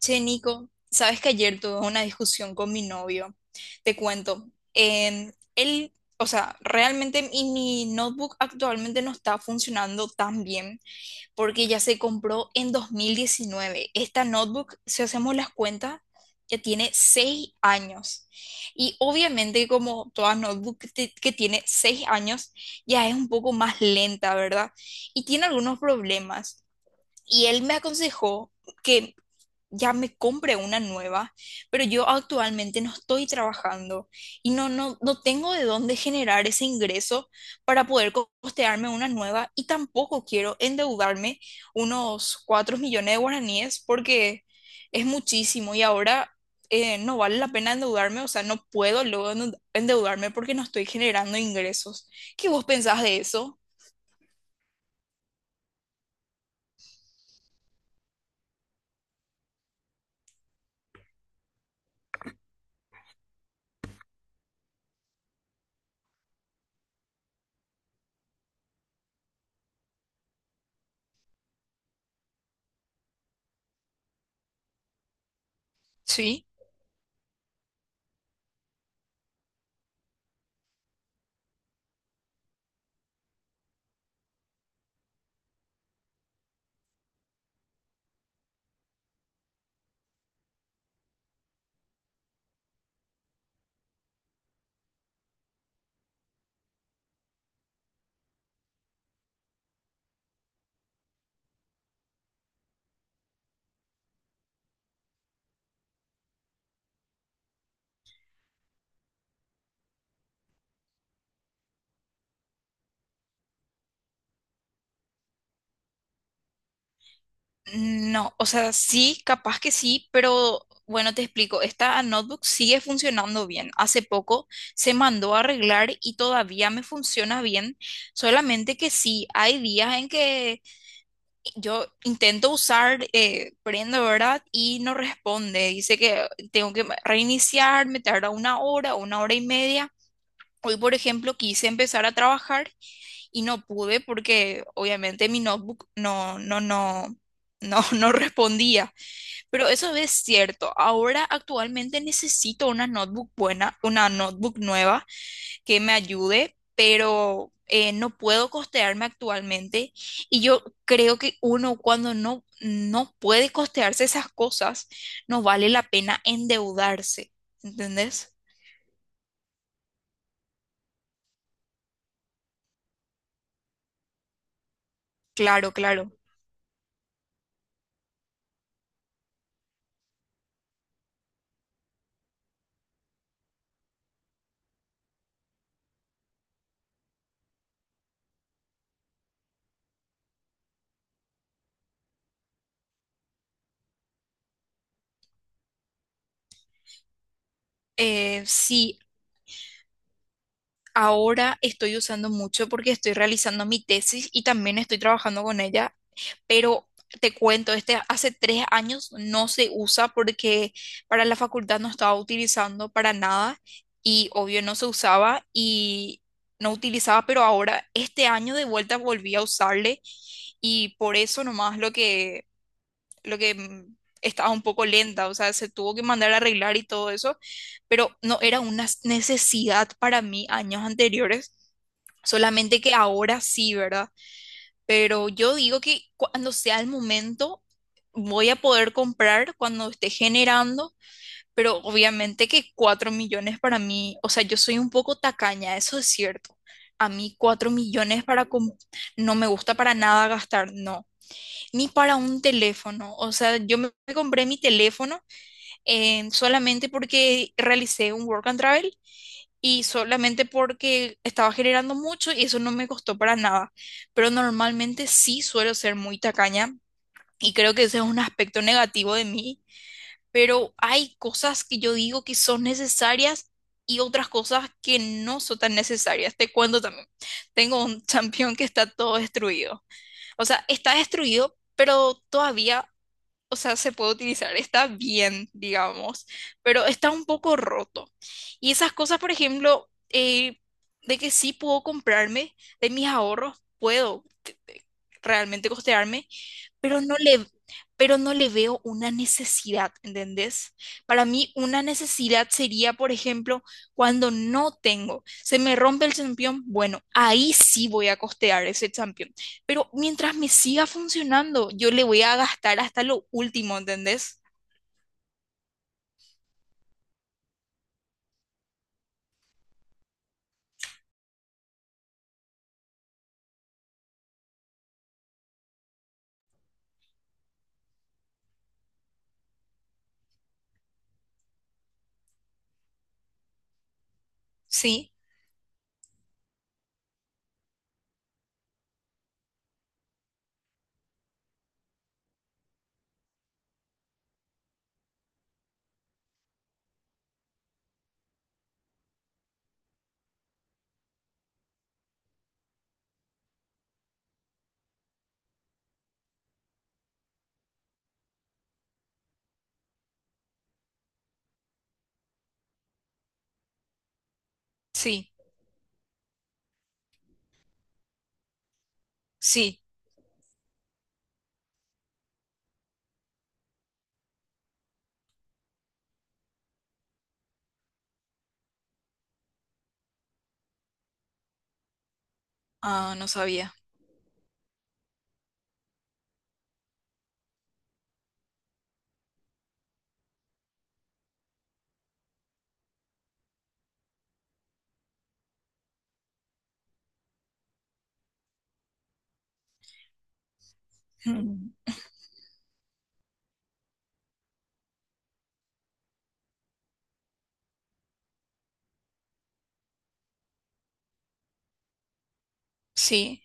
Che, Nico, sabes que ayer tuve una discusión con mi novio. Te cuento. Él, o sea, realmente mi notebook actualmente no está funcionando tan bien porque ya se compró en 2019. Esta notebook, si hacemos las cuentas, ya tiene seis años. Y obviamente, como toda notebook que tiene seis años, ya es un poco más lenta, ¿verdad? Y tiene algunos problemas. Y él me aconsejó que ya me compre una nueva, pero yo actualmente no estoy trabajando y no tengo de dónde generar ese ingreso para poder costearme una nueva y tampoco quiero endeudarme unos 4 millones de guaraníes porque es muchísimo y ahora no vale la pena endeudarme, o sea, no puedo luego endeudarme porque no estoy generando ingresos. ¿Qué vos pensás de eso? No, o sea, sí, capaz que sí, pero bueno, te explico, esta notebook sigue funcionando bien. Hace poco se mandó a arreglar y todavía me funciona bien, solamente que sí, hay días en que yo intento usar, prendo, ¿verdad? Y no responde, dice que tengo que reiniciar, me tarda una hora y media. Hoy, por ejemplo, quise empezar a trabajar y no pude porque obviamente mi notebook no respondía. Pero eso es cierto. Ahora actualmente necesito una notebook buena, una notebook nueva que me ayude, pero no puedo costearme actualmente. Y yo creo que uno cuando no puede costearse esas cosas, no vale la pena endeudarse. ¿Entendés? Claro, claro. Sí, ahora estoy usando mucho porque estoy realizando mi tesis y también estoy trabajando con ella pero te cuento, este hace tres años no se usa porque para la facultad no estaba utilizando para nada y obvio no se usaba y no utilizaba, pero ahora este año de vuelta volví a usarle y por eso nomás lo que estaba un poco lenta, o sea, se tuvo que mandar a arreglar y todo eso, pero no era una necesidad para mí años anteriores. Solamente que ahora sí, ¿verdad? Pero yo digo que cuando sea el momento voy a poder comprar cuando esté generando, pero obviamente que 4 millones para mí, o sea, yo soy un poco tacaña, eso es cierto. A mí 4 millones para no me gusta para nada gastar, no, ni para un teléfono. O sea, yo me compré mi teléfono solamente porque realicé un work and travel y solamente porque estaba generando mucho y eso no me costó para nada. Pero normalmente sí suelo ser muy tacaña y creo que ese es un aspecto negativo de mí, pero hay cosas que yo digo que son necesarias y otras cosas que no son tan necesarias. Te cuento también, tengo un champión que está todo destruido. O sea, está destruido, pero todavía o sea, se puede utilizar, está bien, digamos, pero está un poco roto. Y esas cosas, por ejemplo, de que sí puedo comprarme de mis ahorros, puedo realmente costearme, pero no le, pero no le veo una necesidad, ¿entendés? Para mí una necesidad sería, por ejemplo, cuando no tengo, se me rompe el champión, bueno, ahí sí voy a costear ese champión, pero mientras me siga funcionando, yo le voy a gastar hasta lo último, ¿entendés? Sí, sí, sí. Ah, no sabía. Mm. Sí,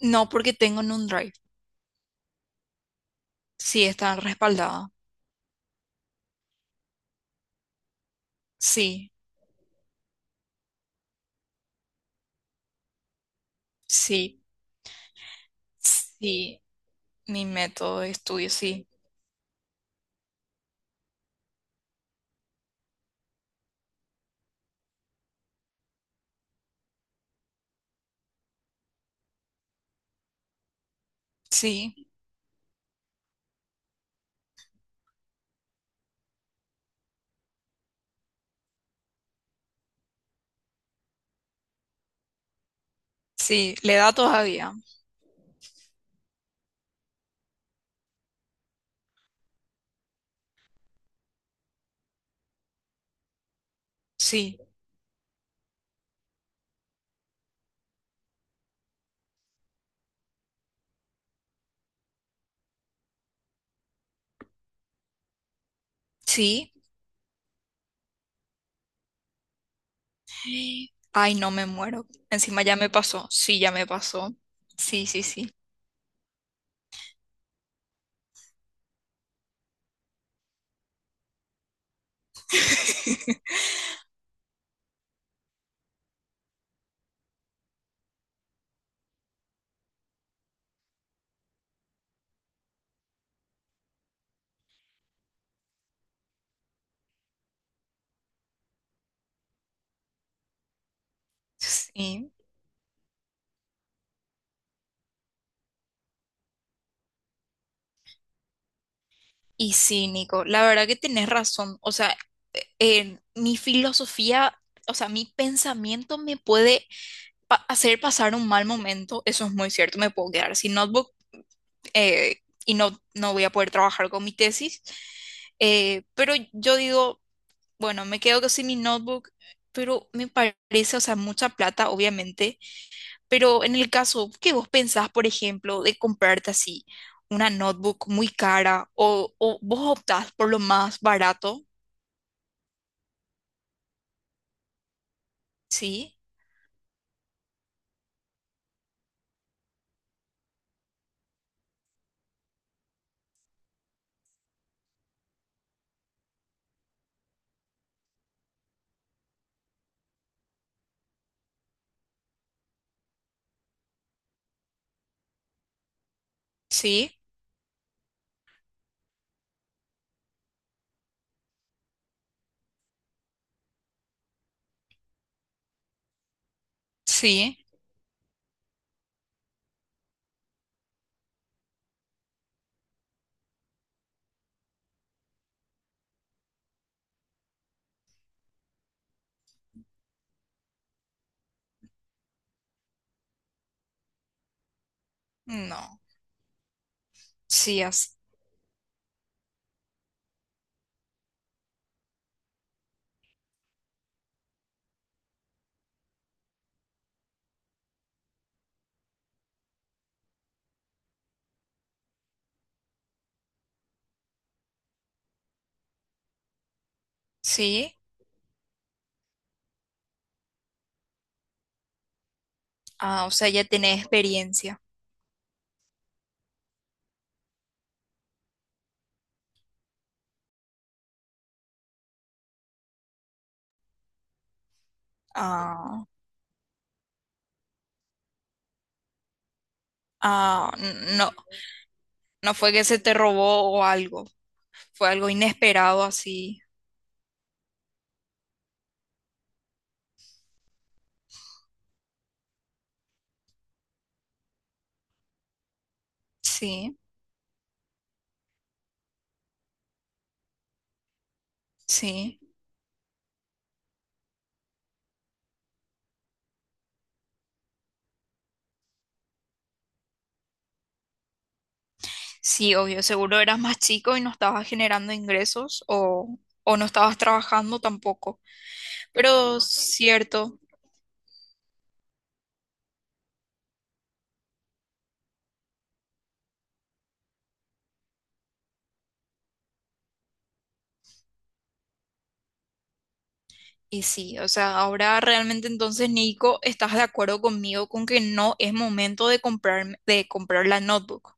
no porque tengo en un drive. Sí, está respaldada. Sí, sí, sí. Mi método de estudio, sí. Sí, sí, le da todavía. Sí, sí. Ay, no me muero. Encima ya me pasó. Sí, ya me pasó. Sí, sí, sí. Sí. Y sí, Nico, la verdad que tenés razón. O sea, mi filosofía, o sea, mi pensamiento me puede hacer pasar un mal momento. Eso es muy cierto. Me puedo quedar sin notebook y no voy a poder trabajar con mi tesis. Pero yo digo. Bueno, me quedo sin mi notebook, pero me parece, o sea, mucha plata, obviamente. Pero en el caso que vos pensás, por ejemplo, de comprarte así una notebook muy cara o vos optás por lo más barato, ¿sí? ¿Sí? ¿Sí? No. Sí, así. ¿Sí? Ah, o sea, ya tenés experiencia. Ah, ah, no, no fue que se te robó o algo, fue algo inesperado así. Sí, sí. Sí, obvio, seguro eras más chico y no estabas generando ingresos o no estabas trabajando tampoco. Pero cierto, y sí, o sea, ahora realmente entonces, Nico, ¿estás de acuerdo conmigo con que no es momento de comprar la notebook?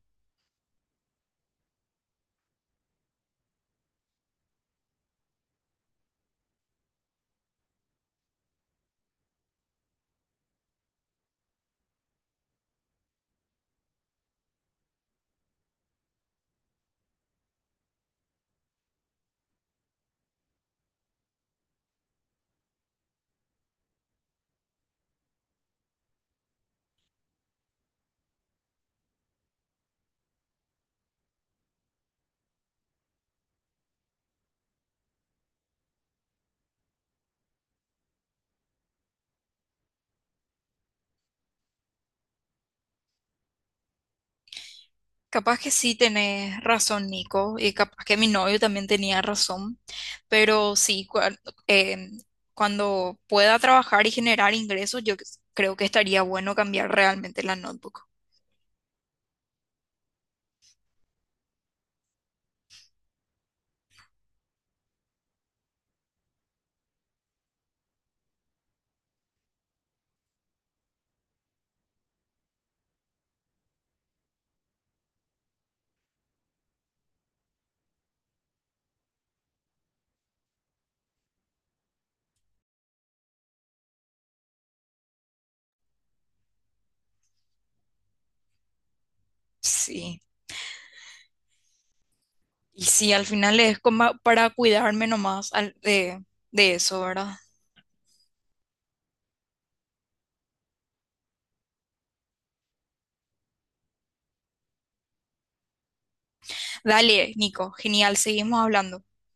Capaz que sí tenés razón, Nico, y capaz que mi novio también tenía razón, pero sí, eh, cuando pueda trabajar y generar ingresos, yo creo que estaría bueno cambiar realmente la notebook. Sí. Y sí, al final es como para cuidarme nomás de eso, ¿verdad? Dale, Nico, genial, seguimos hablando.